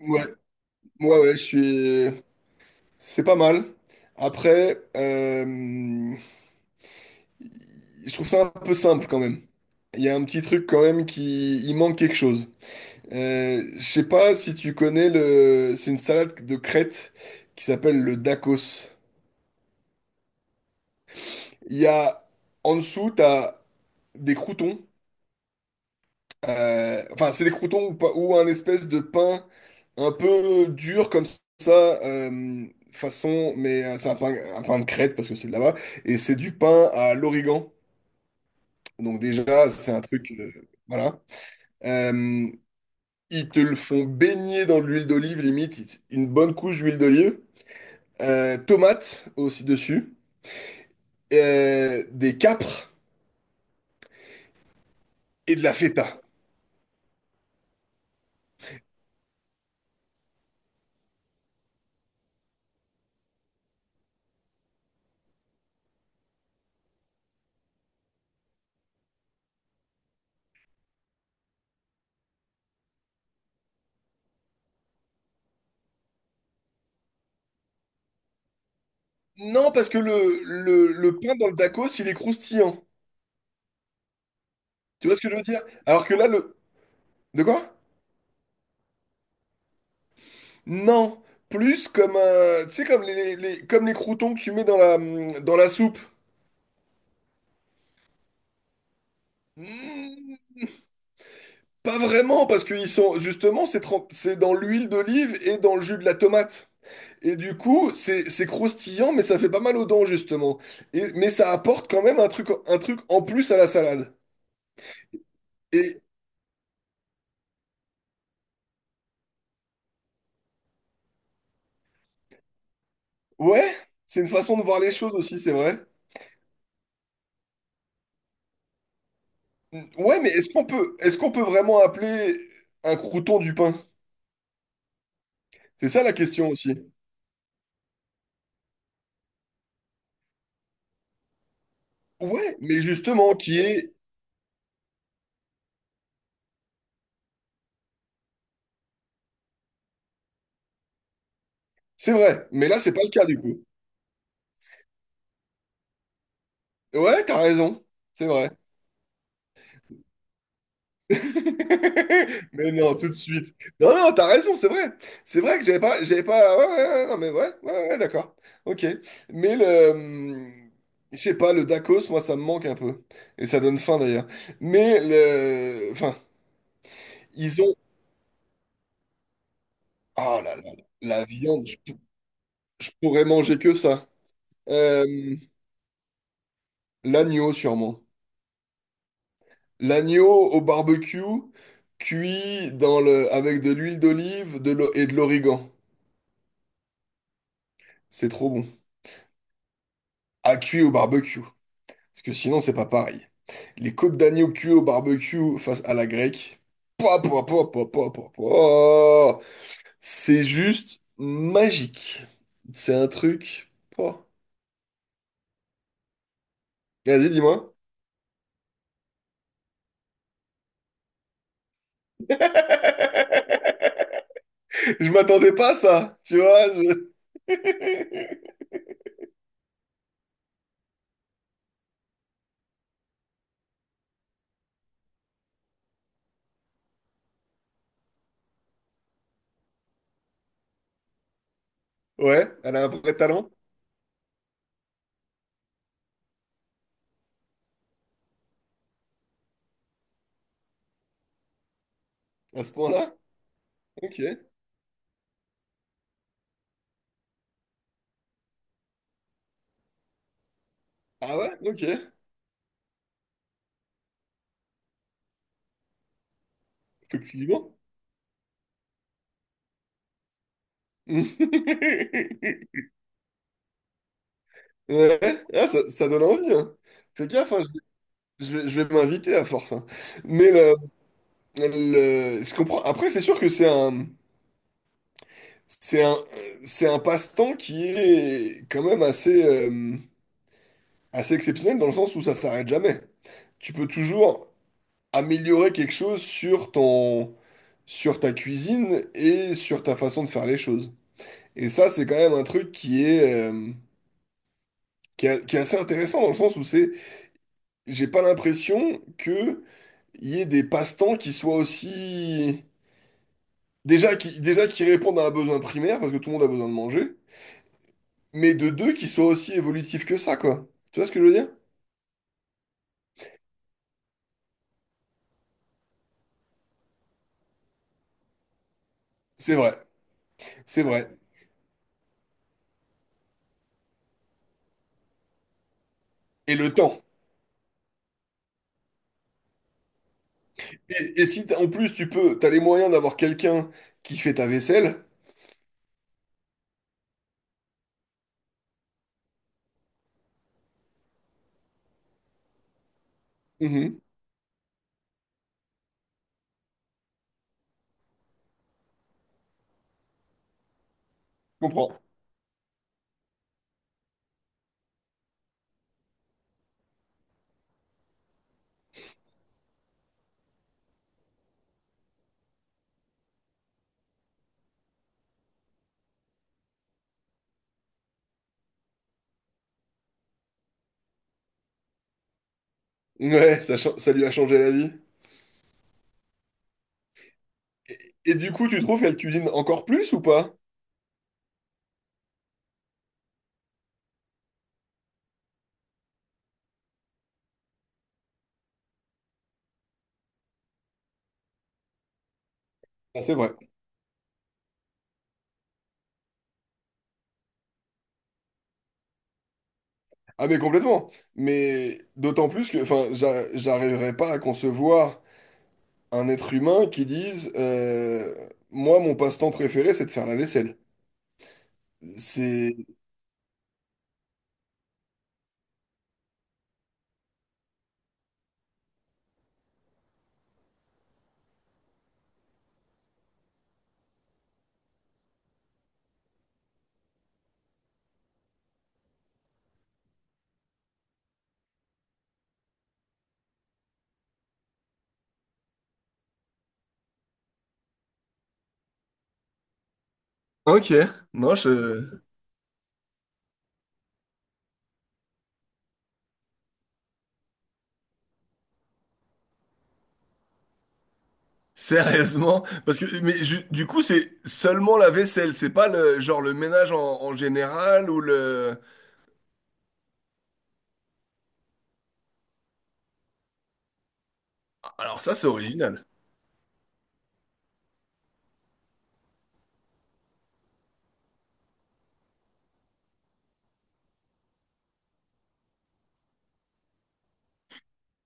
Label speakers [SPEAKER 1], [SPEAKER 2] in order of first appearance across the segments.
[SPEAKER 1] Ouais, ouais, ouais, je suis. C'est pas mal. Après, je trouve ça un peu simple quand même. Il y a un petit truc quand même qui. Il manque quelque chose. Je sais pas si tu connais le. C'est une salade de Crète qui s'appelle le dakos. Il y a. En dessous, t'as des croûtons. Enfin, c'est des croutons ou, ou un espèce de pain un peu dur comme ça, façon, mais c'est un pain de crête parce que c'est de là-bas. Et c'est du pain à l'origan. Donc déjà, c'est un truc, voilà. Euh, Ils te le font baigner dans de l'huile d'olive, limite, une bonne couche d'huile d'olive. Tomates aussi dessus. Des capres et de la feta. Non, parce que le pain dans le tacos, il est croustillant. Tu vois ce que je veux dire? Alors que là, le, De quoi? Non, plus comme un, tu sais comme comme les croutons que tu mets dans la soupe. Hmm. Pas vraiment parce qu'ils sont justement c'est c'est dans l'huile d'olive et dans le jus de la tomate. Et du coup, c'est croustillant mais ça fait pas mal aux dents justement. Et mais ça apporte quand même un truc en plus à la salade. Et ouais, c'est une façon de voir les choses aussi, c'est vrai. Hmm. Ouais, mais est-ce qu'on peut vraiment appeler un crouton du pain? C'est ça la question aussi. Ouais, mais justement, qui est... C'est vrai, mais là, c'est pas le cas du coup. Ouais, t'as raison, c'est vrai. Mais non, tout de suite. Non, non, t'as raison, c'est vrai. C'est vrai que j'avais pas... J'avais pas... Ouais, ouais, ouais, non, mais ouais, ouais, ouais, d'accord. Ok. Mais le... Je sais pas, le Dakos, moi, ça me manque un peu. Et ça donne faim, d'ailleurs. Mais le... Enfin, ils ont... Oh là là, la viande, je, je pourrais manger que ça. Euh, l'agneau, sûrement. L'agneau au barbecue, cuit dans le, avec de l'huile d'olive et de l'origan. C'est trop bon. À cuire au barbecue. Parce que sinon, c'est pas pareil. Les côtes d'agneau cuites au barbecue face à la grecque. Pouah, pouah, pouah, pouah, pouah, pouah, pouah. C'est juste magique. C'est un truc. Pouah. Vas-y, dis-moi. Je m'attendais pas à ça. Tu vois. Ouais, elle a un vrai talent à ce point-là. Ok. Ah ouais? Ok. Effectivement. Ouais. Ah, ça donne envie, hein. Fais gaffe, hein, je vais m'inviter à force, hein. Mais le, je comprends. Après, c'est sûr que c'est un, c'est un passe-temps qui est quand même assez, assez exceptionnel dans le sens où ça s'arrête jamais. Tu peux toujours améliorer quelque chose sur ton, sur ta cuisine et sur ta façon de faire les choses. Et ça, c'est quand même un truc qui est assez intéressant dans le sens où c'est, j'ai pas l'impression que il y ait des passe-temps qui soient aussi déjà qui répondent à un besoin primaire parce que tout le monde a besoin de manger, mais de deux qui soient aussi évolutifs que ça quoi. Tu vois ce que je veux dire? C'est vrai, c'est vrai. Et le temps. Et si en plus tu peux, t'as les moyens d'avoir quelqu'un qui fait ta vaisselle. Mhm, comprends. Ouais, ça, ça lui a changé la vie. Et du coup, tu trouves qu'elle cuisine encore plus ou pas? Ah, c'est vrai. Ah mais complètement. Mais d'autant plus que, enfin, j'arriverais pas à concevoir un être humain qui dise, moi, mon passe-temps préféré, c'est de faire la vaisselle. C'est... Ok, non, je... Sérieusement? Parce que, mais du coup, c'est seulement la vaisselle, c'est pas le genre le ménage en, en général ou le... Alors ça, c'est original.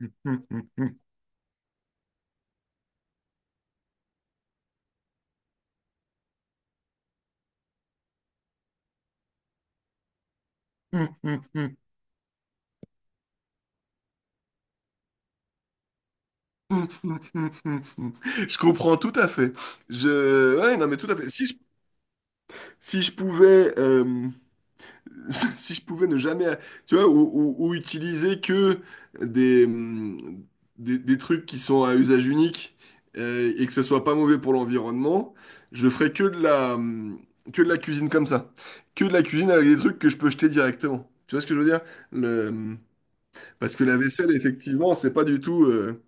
[SPEAKER 1] Je comprends tout à fait. Je... Ouais, non, mais tout à fait. Si je Si je pouvais, si je pouvais ne jamais, tu vois, ou utiliser que des, hum, des trucs qui sont à usage unique et que ce soit pas mauvais pour l'environnement, je ferais que de la cuisine comme ça, que de la cuisine avec des trucs que je peux jeter directement. Tu vois ce que je veux dire? Le, parce que la vaisselle, effectivement, c'est pas du tout.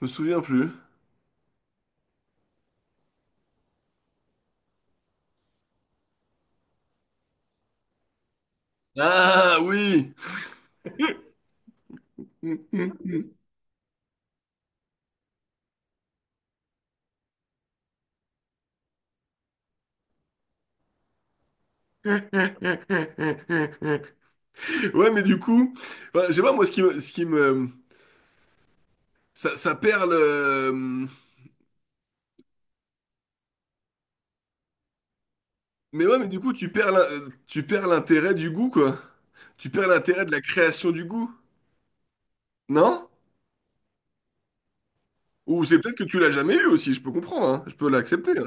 [SPEAKER 1] Je me souviens plus. Ah oui! Ouais, mais du coup, enfin, je sais pas, moi, ce qui me, ça perd le, mais ouais, mais du coup, tu perds, tu perds l'intérêt du goût, quoi. Tu perds l'intérêt de la création du goût, non? Ou c'est peut-être que tu l'as jamais eu aussi, je peux comprendre, hein. Je peux l'accepter, hein.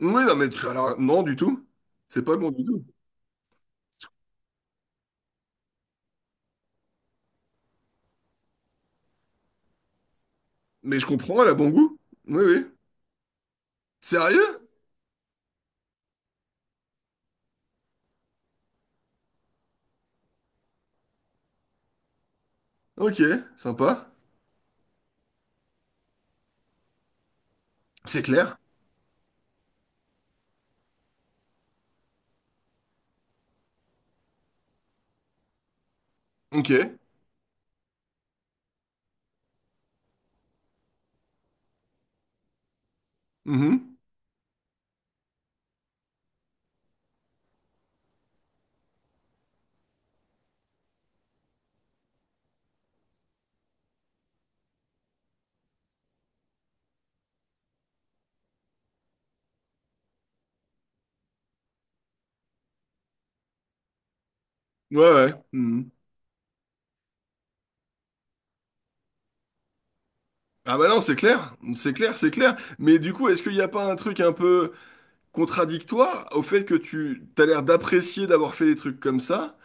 [SPEAKER 1] Oui, non, mais tu- alors, non, du tout. C'est pas bon du tout. Mais je comprends, elle a bon goût. Oui, oui. Sérieux? Ok, sympa. C'est clair. Ok. Mhm. Ouais, ouais. Mhm. Ah bah non, c'est clair. C'est clair, c'est clair. Mais du coup, est-ce qu'il n'y a pas un truc un peu... contradictoire au fait que tu t'as l'air d'apprécier d'avoir fait des trucs comme ça,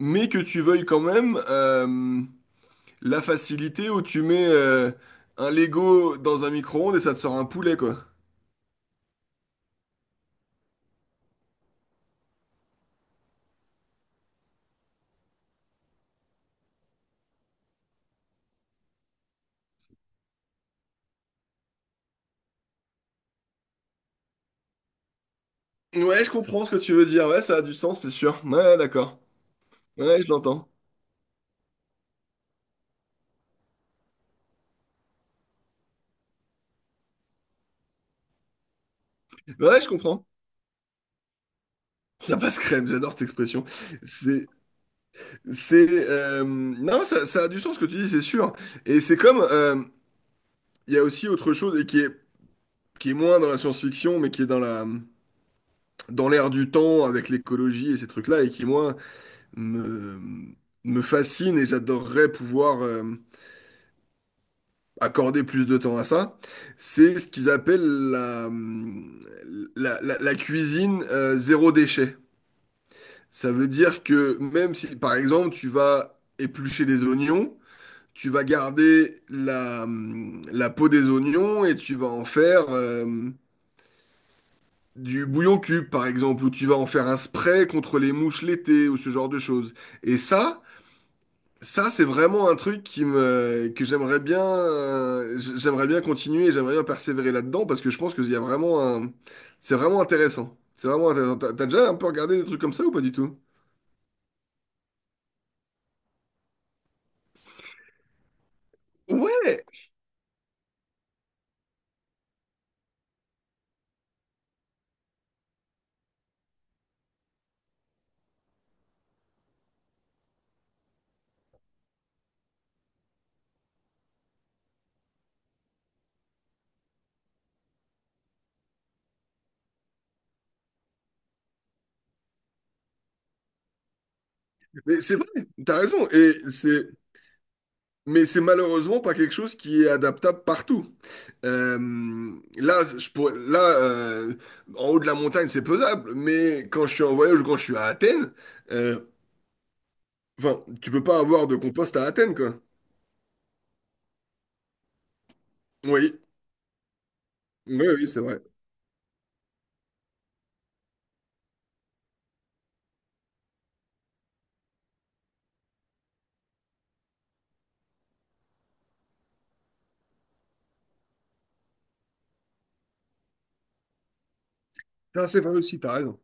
[SPEAKER 1] mais que tu veuilles quand même la facilité où tu mets un Lego dans un micro-ondes et ça te sort un poulet, quoi. Ouais, je comprends ce que tu veux dire. Ouais, ça a du sens, c'est sûr. Ouais, d'accord. Ouais, je l'entends. Ouais, je comprends. Ça passe crème, j'adore cette expression. C'est, non, ça a du sens ce que tu dis, c'est sûr. Et c'est comme, il y a aussi autre chose et qui est moins dans la science-fiction, mais qui est dans la, dans l'air du temps avec l'écologie et ces trucs-là, et qui, moi, me, me fascine et j'adorerais pouvoir accorder plus de temps à ça, c'est ce qu'ils appellent la cuisine 0 déchet. Ça veut dire que même si, par exemple, tu vas éplucher des oignons, tu vas garder la peau des oignons et tu vas en faire... Du bouillon cube, par exemple, où tu vas en faire un spray contre les mouches l'été ou ce genre de choses. Et ça, c'est vraiment un truc que j'aimerais bien, j'aimerais bien continuer, j'aimerais bien persévérer là-dedans parce que je pense que il y a vraiment un, c'est vraiment intéressant. C'est vraiment intéressant. T'as déjà un peu regardé des trucs comme ça ou pas du tout? Ouais, mais c'est vrai, t'as raison. Et c'est Mais c'est malheureusement pas quelque chose qui est adaptable partout. Euh, là, je pourrais, là en haut de la montagne, c'est pesable, mais quand je suis en voyage ou quand je suis à Athènes, euh, enfin, tu peux pas avoir de compost à Athènes, quoi. Oui, oui, oui, c'est vrai. Ah, c'est vrai aussi, t'as raison.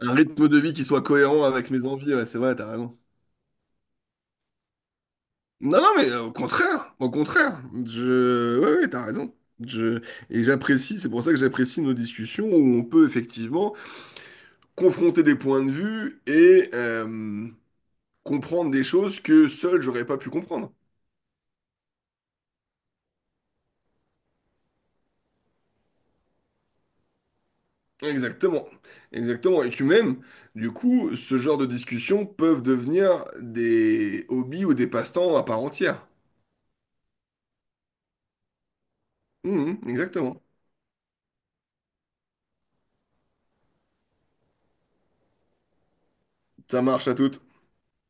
[SPEAKER 1] Un rythme de vie qui soit cohérent avec mes envies, ouais, c'est vrai, t'as raison. Non, non, mais au contraire, je, ouais, ouais, t'as raison. Je, et j'apprécie, c'est pour ça que j'apprécie nos discussions où on peut effectivement confronter des points de vue et comprendre des choses que seul j'aurais pas pu comprendre. Exactement, exactement. Et que même, du coup, ce genre de discussions peuvent devenir des hobbies ou des passe-temps à part entière. Mhm, exactement. Ça marche à toutes.